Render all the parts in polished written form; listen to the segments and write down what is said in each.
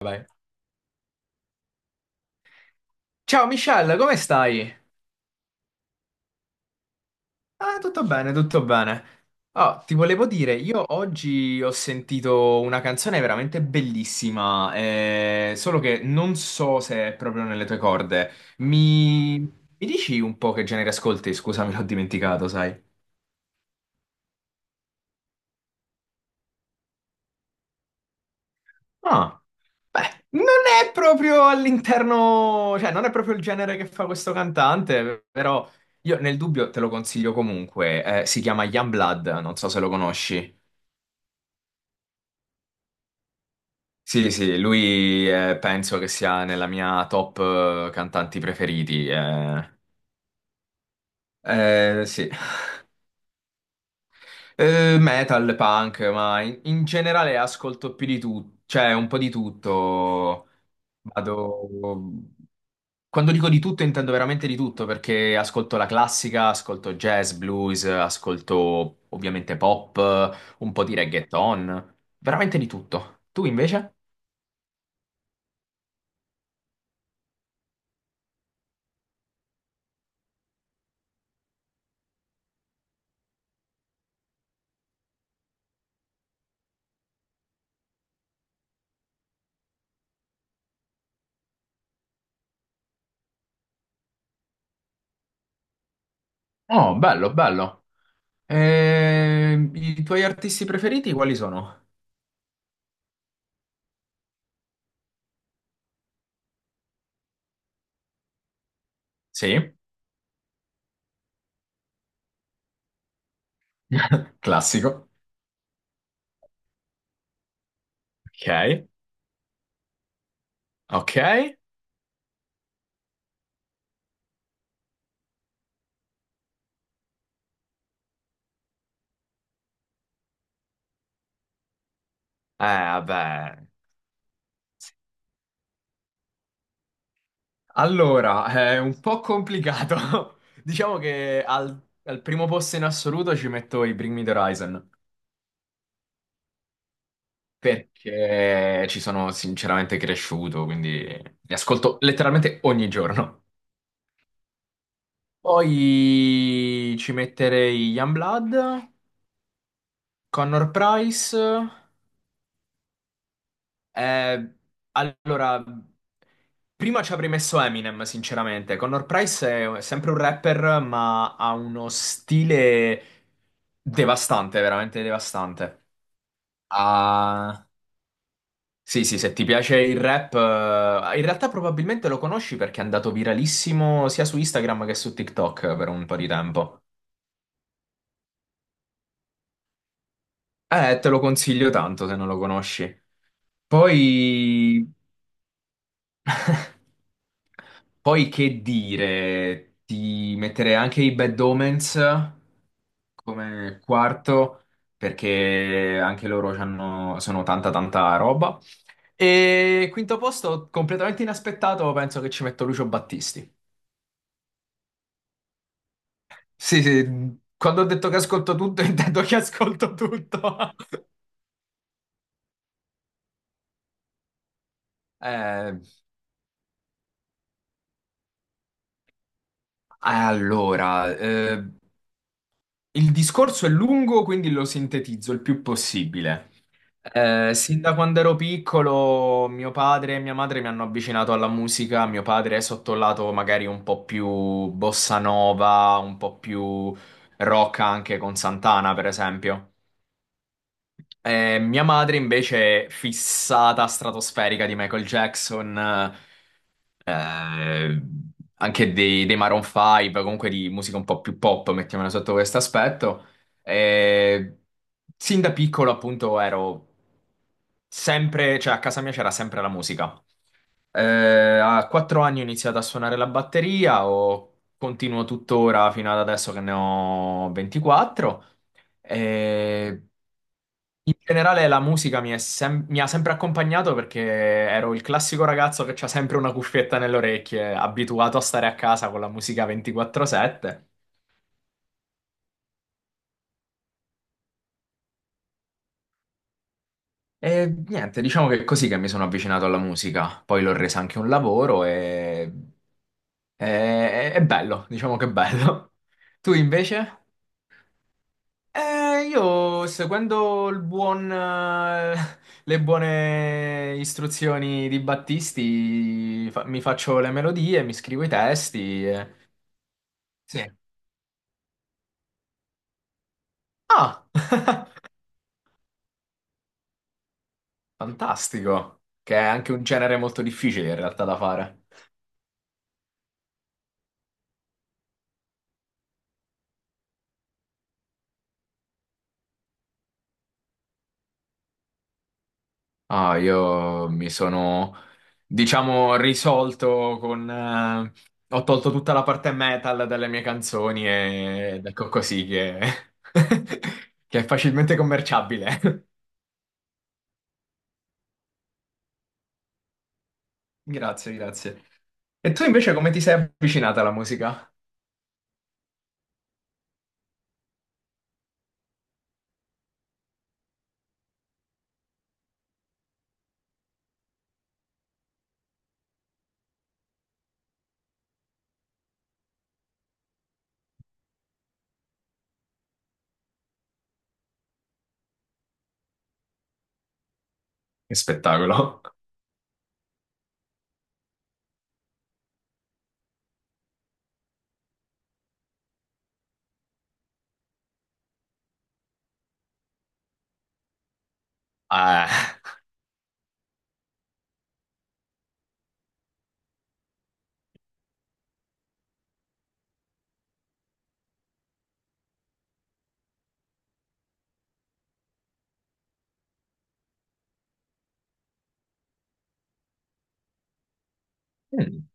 Vai. Ciao Michelle, come stai? Ah, tutto bene, tutto bene. Ah, ti volevo dire, io oggi ho sentito una canzone veramente bellissima, solo che non so se è proprio nelle tue corde. Mi dici un po' che genere ascolti? Scusami, l'ho dimenticato, sai. Ah, beh, non è proprio all'interno, cioè non è proprio il genere che fa questo cantante, però io nel dubbio te lo consiglio comunque. Si chiama Youngblood, non so se lo conosci. Sì, sì, lui penso che sia nella mia top cantanti preferiti. Sì. Metal, punk, ma in generale ascolto più di tutto, cioè un po' di tutto. Vado... Quando dico di tutto intendo veramente di tutto, perché ascolto la classica, ascolto jazz, blues, ascolto ovviamente pop, un po' di reggaeton, veramente di tutto. Tu invece? Oh, bello, bello. I tuoi artisti preferiti quali sono? Sì, classico. Ok, ok. Vabbè, allora, è un po' complicato. Diciamo che al primo posto in assoluto ci metto i Bring Me the Horizon, perché ci sono sinceramente cresciuto, quindi li ascolto letteralmente ogni giorno. Poi ci metterei Youngblood, Connor Price. Eh, allora, prima ci avrei messo Eminem, sinceramente. Connor Price è sempre un rapper, ma ha uno stile devastante, veramente devastante. Ah, sì, sì, se ti piace il rap, in realtà probabilmente lo conosci perché è andato viralissimo sia su Instagram che su TikTok per un po' di tempo. Te lo consiglio tanto se non lo conosci. Poi Poi che dire, ti metterei anche i Bad Omens come quarto, perché anche loro sono tanta tanta roba. E quinto posto, completamente inaspettato, penso che ci metto Lucio Battisti. Sì, sì, quando ho detto che ascolto tutto, intendo che ascolto tutto. Eh, allora, il discorso è lungo, quindi lo sintetizzo il più possibile. Sin da quando ero piccolo, mio padre e mia madre mi hanno avvicinato alla musica. Mio padre è sotto il lato magari un po' più bossa nova, un po' più rock anche con Santana, per esempio. Mia madre invece è fissata stratosferica di Michael Jackson. eh, anche dei Maroon 5, comunque di musica un po' più pop, mettiamola sotto questo aspetto. E sin da piccolo, appunto, ero sempre, cioè a casa mia c'era sempre la musica. Eh, A 4 anni ho iniziato a suonare la batteria, o continuo tuttora fino ad adesso che ne ho 24. Eh, In generale la musica mi ha sempre accompagnato perché ero il classico ragazzo che c'ha sempre una cuffietta nelle orecchie, abituato a stare a casa con la musica 24/7. E niente, diciamo che è così che mi sono avvicinato alla musica. Poi l'ho resa anche un lavoro è bello, diciamo che è bello. Tu invece? Io seguendo le buone istruzioni di Battisti mi faccio le melodie, mi scrivo i testi. Sì. Ah, fantastico! Che è anche un genere molto difficile in realtà da fare. Ah, io mi sono, diciamo, risolto con ho tolto tutta la parte metal dalle mie canzoni ed ecco così che, che è facilmente commerciabile. Grazie, grazie. E tu invece come ti sei avvicinata alla musica? Che spettacolo. Eh, mm,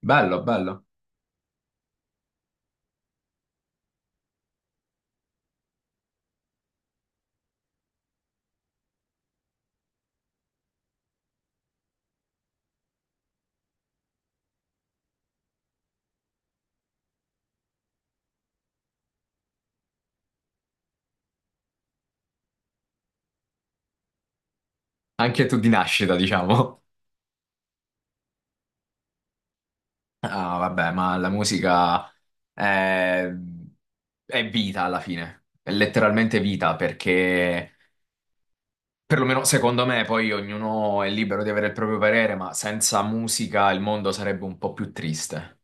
Bello, bello. Anche tu di nascita, diciamo. Ah, vabbè, ma la musica è, è vita alla fine. È letteralmente vita perché, perlomeno secondo me, poi ognuno è libero di avere il proprio parere, ma senza musica il mondo sarebbe un po' più triste.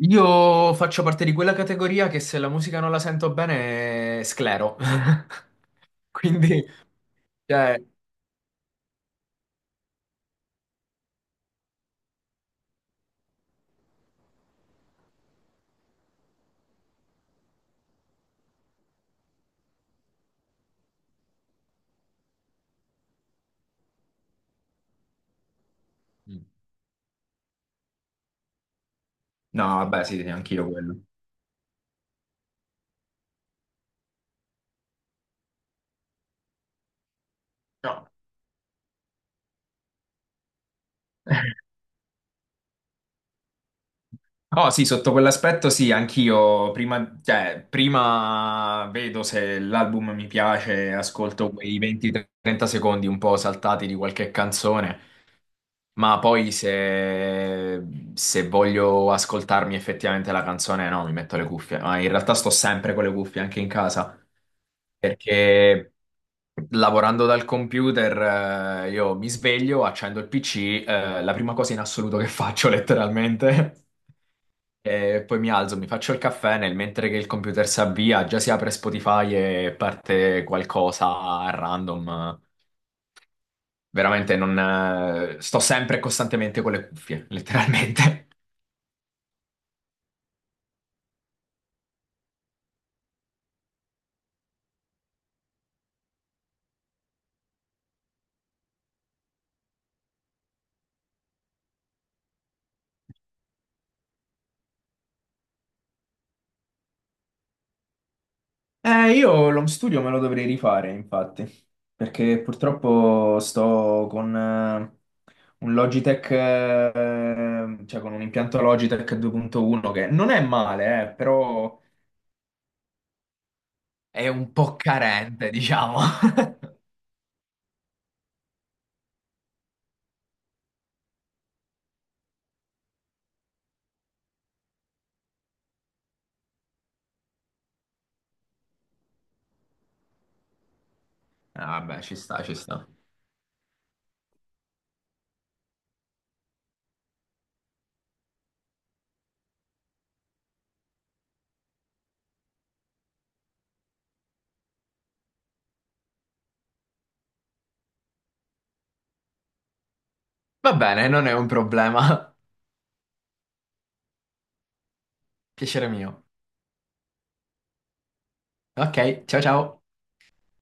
Io faccio parte di quella categoria che se la musica non la sento bene, sclero. Quindi, cioè, mm. No, vabbè, sì, sì, anch'io quello. No. Oh sì, sotto quell'aspetto sì, anch'io prima, cioè, prima vedo se l'album mi piace, ascolto quei 20-30 secondi un po' saltati di qualche canzone, ma poi se voglio ascoltarmi effettivamente la canzone, no, mi metto le cuffie, ma in realtà sto sempre con le cuffie anche in casa, perché lavorando dal computer, io mi sveglio, accendo il PC, la prima cosa in assoluto che faccio letteralmente, e poi mi alzo, mi faccio il caffè, nel mentre che il computer si avvia, già si apre Spotify e parte qualcosa a random. Veramente non, sto sempre e costantemente con le cuffie, letteralmente. Io l'home studio me lo dovrei rifare, infatti, perché purtroppo sto con un Logitech, cioè con un impianto Logitech 2.1 che non è male, però è un po' carente, diciamo. Ah, vabbè, ci sta, ci sta. Va bene, non è un problema. Piacere mio. Ok, ciao ciao.